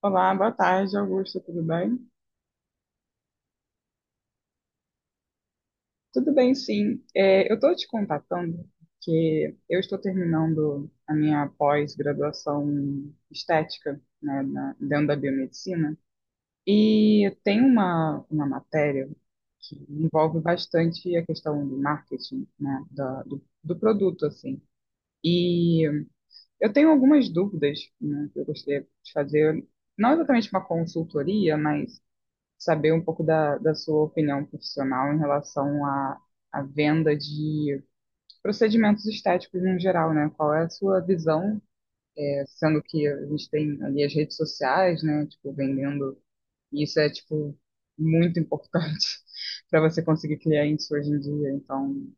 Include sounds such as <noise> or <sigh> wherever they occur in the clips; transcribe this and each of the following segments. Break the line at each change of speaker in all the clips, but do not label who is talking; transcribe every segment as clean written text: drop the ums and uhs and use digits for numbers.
Olá, boa tarde, Augusto, tudo bem? Tudo bem, sim. Eu estou te contatando porque eu estou terminando a minha pós-graduação estética, né, dentro da biomedicina, e tem uma matéria que envolve bastante a questão do marketing, né, do produto, assim. E eu tenho algumas dúvidas, né, que eu gostaria de fazer, não exatamente uma consultoria, mas saber um pouco da sua opinião profissional em relação à venda de procedimentos estéticos no geral, né? Qual é a sua visão? Sendo que a gente tem ali as redes sociais, né? Tipo, vendendo, e isso é, tipo, muito importante <laughs> para você conseguir clientes hoje em dia. Então,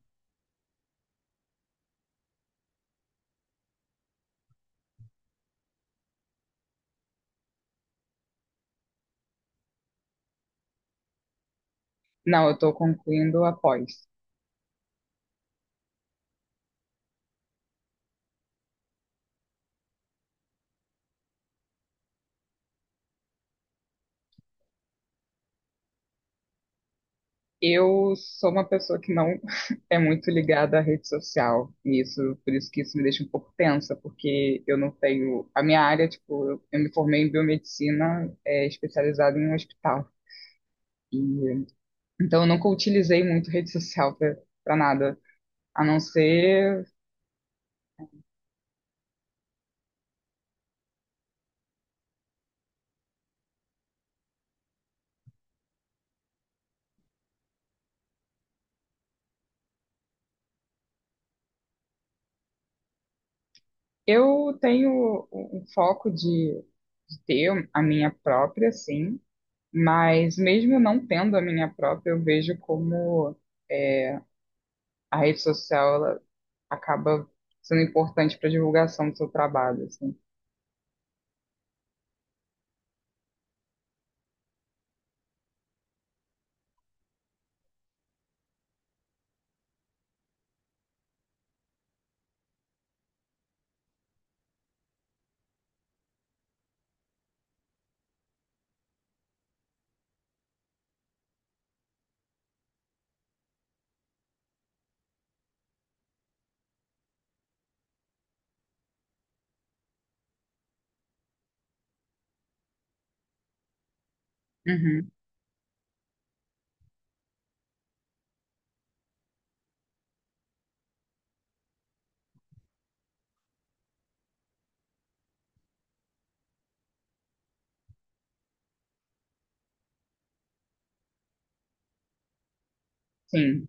não, eu estou concluindo após. Eu sou uma pessoa que não <laughs> é muito ligada à rede social, e isso, por isso que isso me deixa um pouco tensa, porque eu não tenho. A minha área, tipo, eu me formei em biomedicina, especializada em um hospital. E então, eu nunca utilizei muito rede social para nada, a não ser. Eu tenho um foco de ter a minha própria, sim, mas mesmo não tendo a minha própria, eu vejo como. A rede social ela acaba sendo importante para divulgação do seu trabalho, assim. Uhum. Sim,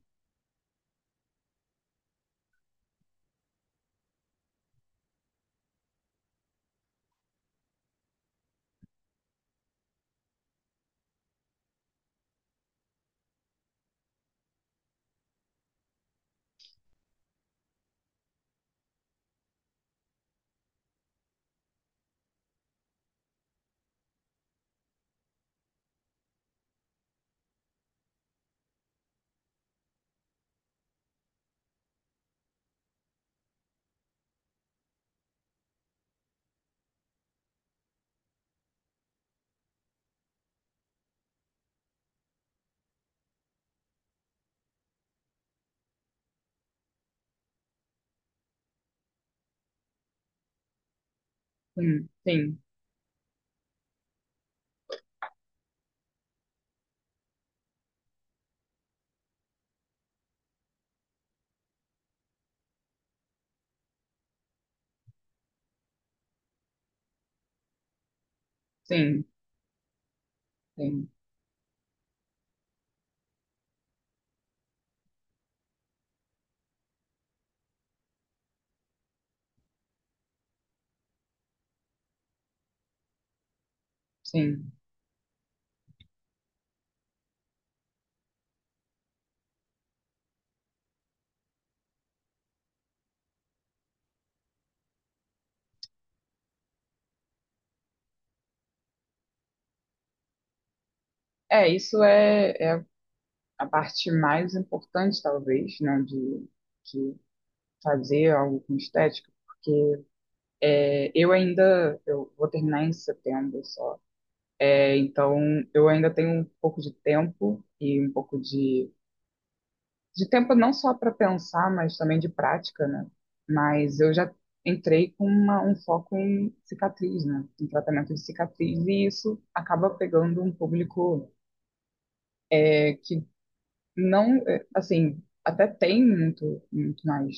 sim, sim, sim, sim, sim. Isso é a parte mais importante, talvez, né, de fazer algo com estética, porque eu ainda, eu vou terminar em setembro só. É, então eu ainda tenho um pouco de tempo e um pouco de tempo, não só para pensar, mas também de prática, né? Mas eu já entrei com um foco em cicatriz, né? Em tratamento de cicatriz, e isso acaba pegando um público que não, é, assim, até tem muito, muito mais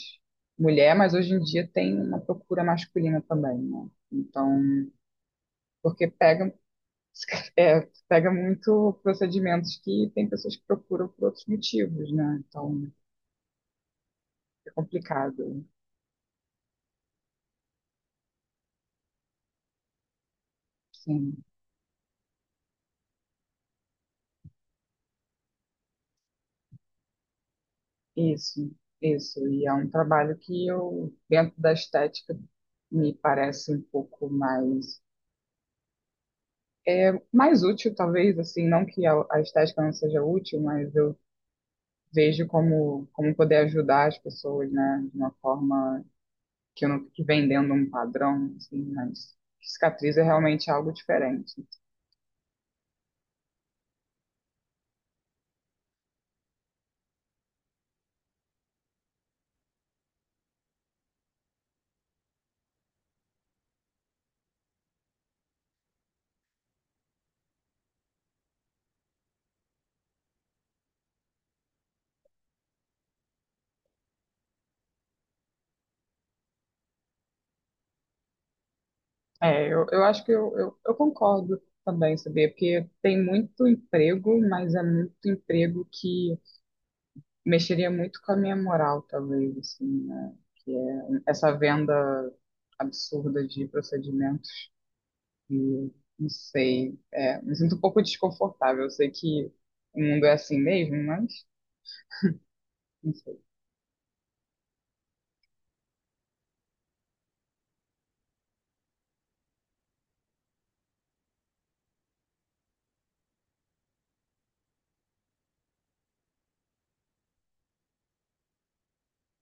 mulher, mas hoje em dia tem uma procura masculina também, né? Então, porque pega, <laughs> é, pega muito procedimentos que tem pessoas que procuram por outros motivos, né? Então, é complicado, sim. Isso, isso. E é um trabalho que eu, dentro da estética, me parece um pouco mais, mais útil, talvez, assim, não que a estética não seja útil, mas eu vejo como, como poder ajudar as pessoas, né, de uma forma que eu não fique vendendo um padrão, assim, mas cicatriz é realmente algo diferente. Eu acho que eu concordo também, sabia? Porque tem muito emprego, mas é muito emprego que mexeria muito com a minha moral, talvez, assim, né? Que é essa venda absurda de procedimentos que, não sei, me sinto um pouco desconfortável. Eu sei que o mundo é assim mesmo, mas não sei.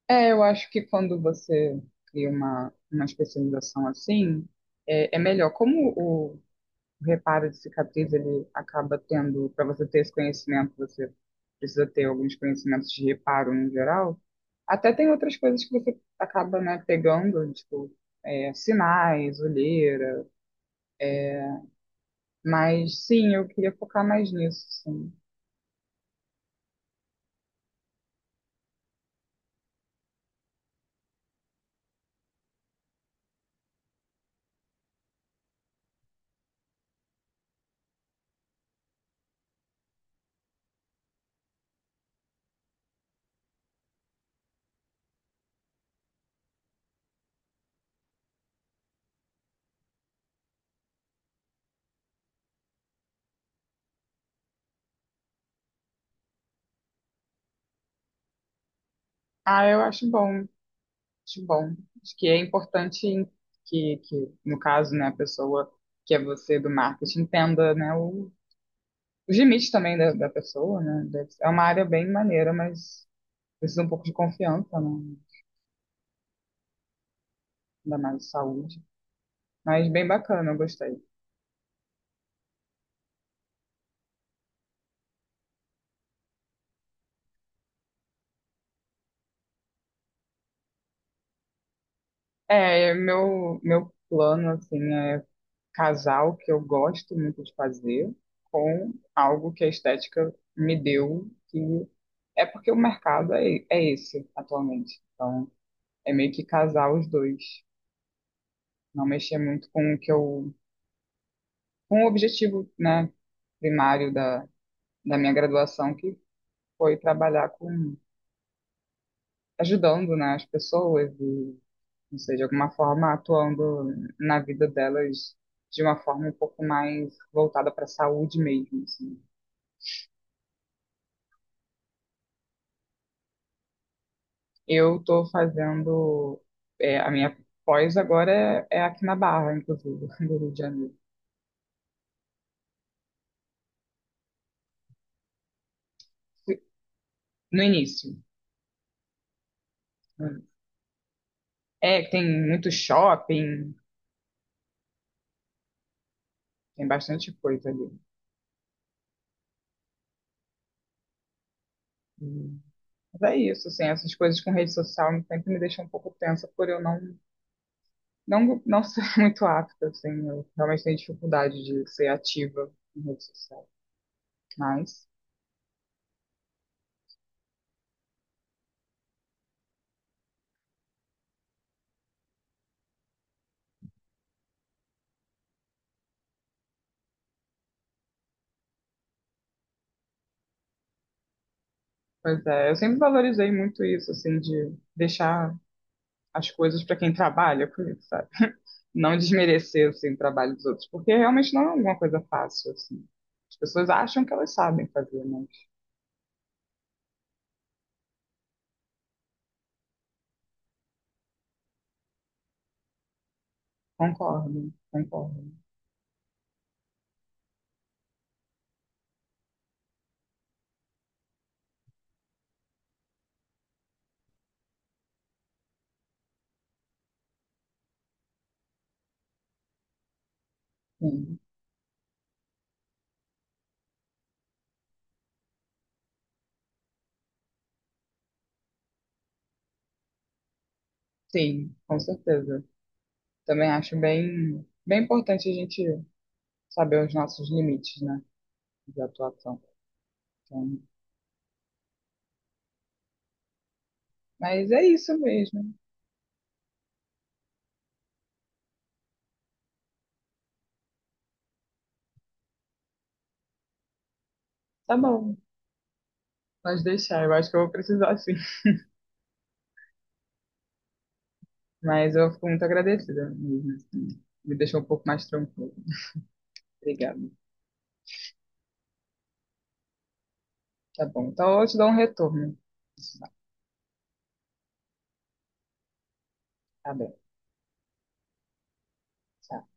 É, eu acho que quando você cria uma especialização assim, é melhor. Como o reparo de cicatriz, ele acaba tendo, para você ter esse conhecimento, você precisa ter alguns conhecimentos de reparo no geral. Até tem outras coisas que você acaba, né, pegando, tipo, sinais, olheira. Mas sim, eu queria focar mais nisso, sim. Ah, eu acho bom, acho bom. Acho que é importante que no caso, né, a pessoa que é você do marketing entenda, né, os limites também da pessoa, né? É uma área bem maneira, mas precisa um pouco de confiança, né? Ainda mais de saúde. Mas bem bacana, eu gostei. É, meu plano, assim, é casar o que eu gosto muito de fazer com algo que a estética me deu, que é porque o mercado é esse atualmente. Então, é meio que casar os dois. Não mexer muito com o que eu, com o objetivo, né, primário da minha graduação, que foi trabalhar com, ajudando, né, as pessoas e não sei, de alguma forma atuando na vida delas de uma forma um pouco mais voltada para a saúde mesmo, assim. Eu estou fazendo, a minha pós agora é aqui na Barra, inclusive, <laughs> do Rio de Janeiro. No início. É, tem muito shopping, tem bastante coisa ali. Hum. Mas é isso, assim, essas coisas com rede social sempre me deixam um pouco tensa por eu não ser <laughs> muito apta, assim, eu realmente tenho dificuldade de ser ativa em rede social. Mas, pois é, eu sempre valorizei muito isso, assim, de deixar as coisas para quem trabalha com isso, sabe? <laughs> Não desmerecer, assim, o trabalho dos outros, porque realmente não é alguma coisa fácil, assim. As pessoas acham que elas sabem fazer, mas concordo, concordo. Sim, sim, com certeza. Também acho bem, bem importante a gente saber os nossos limites, né, de atuação. Então, mas é isso mesmo. Tá bom, pode deixar, eu acho que eu vou precisar, sim. Mas eu fico muito agradecida mesmo, assim. Me deixou um pouco mais tranquilo. Obrigada. Tá bom. Então eu te dou um retorno. Tá bem. Tchau.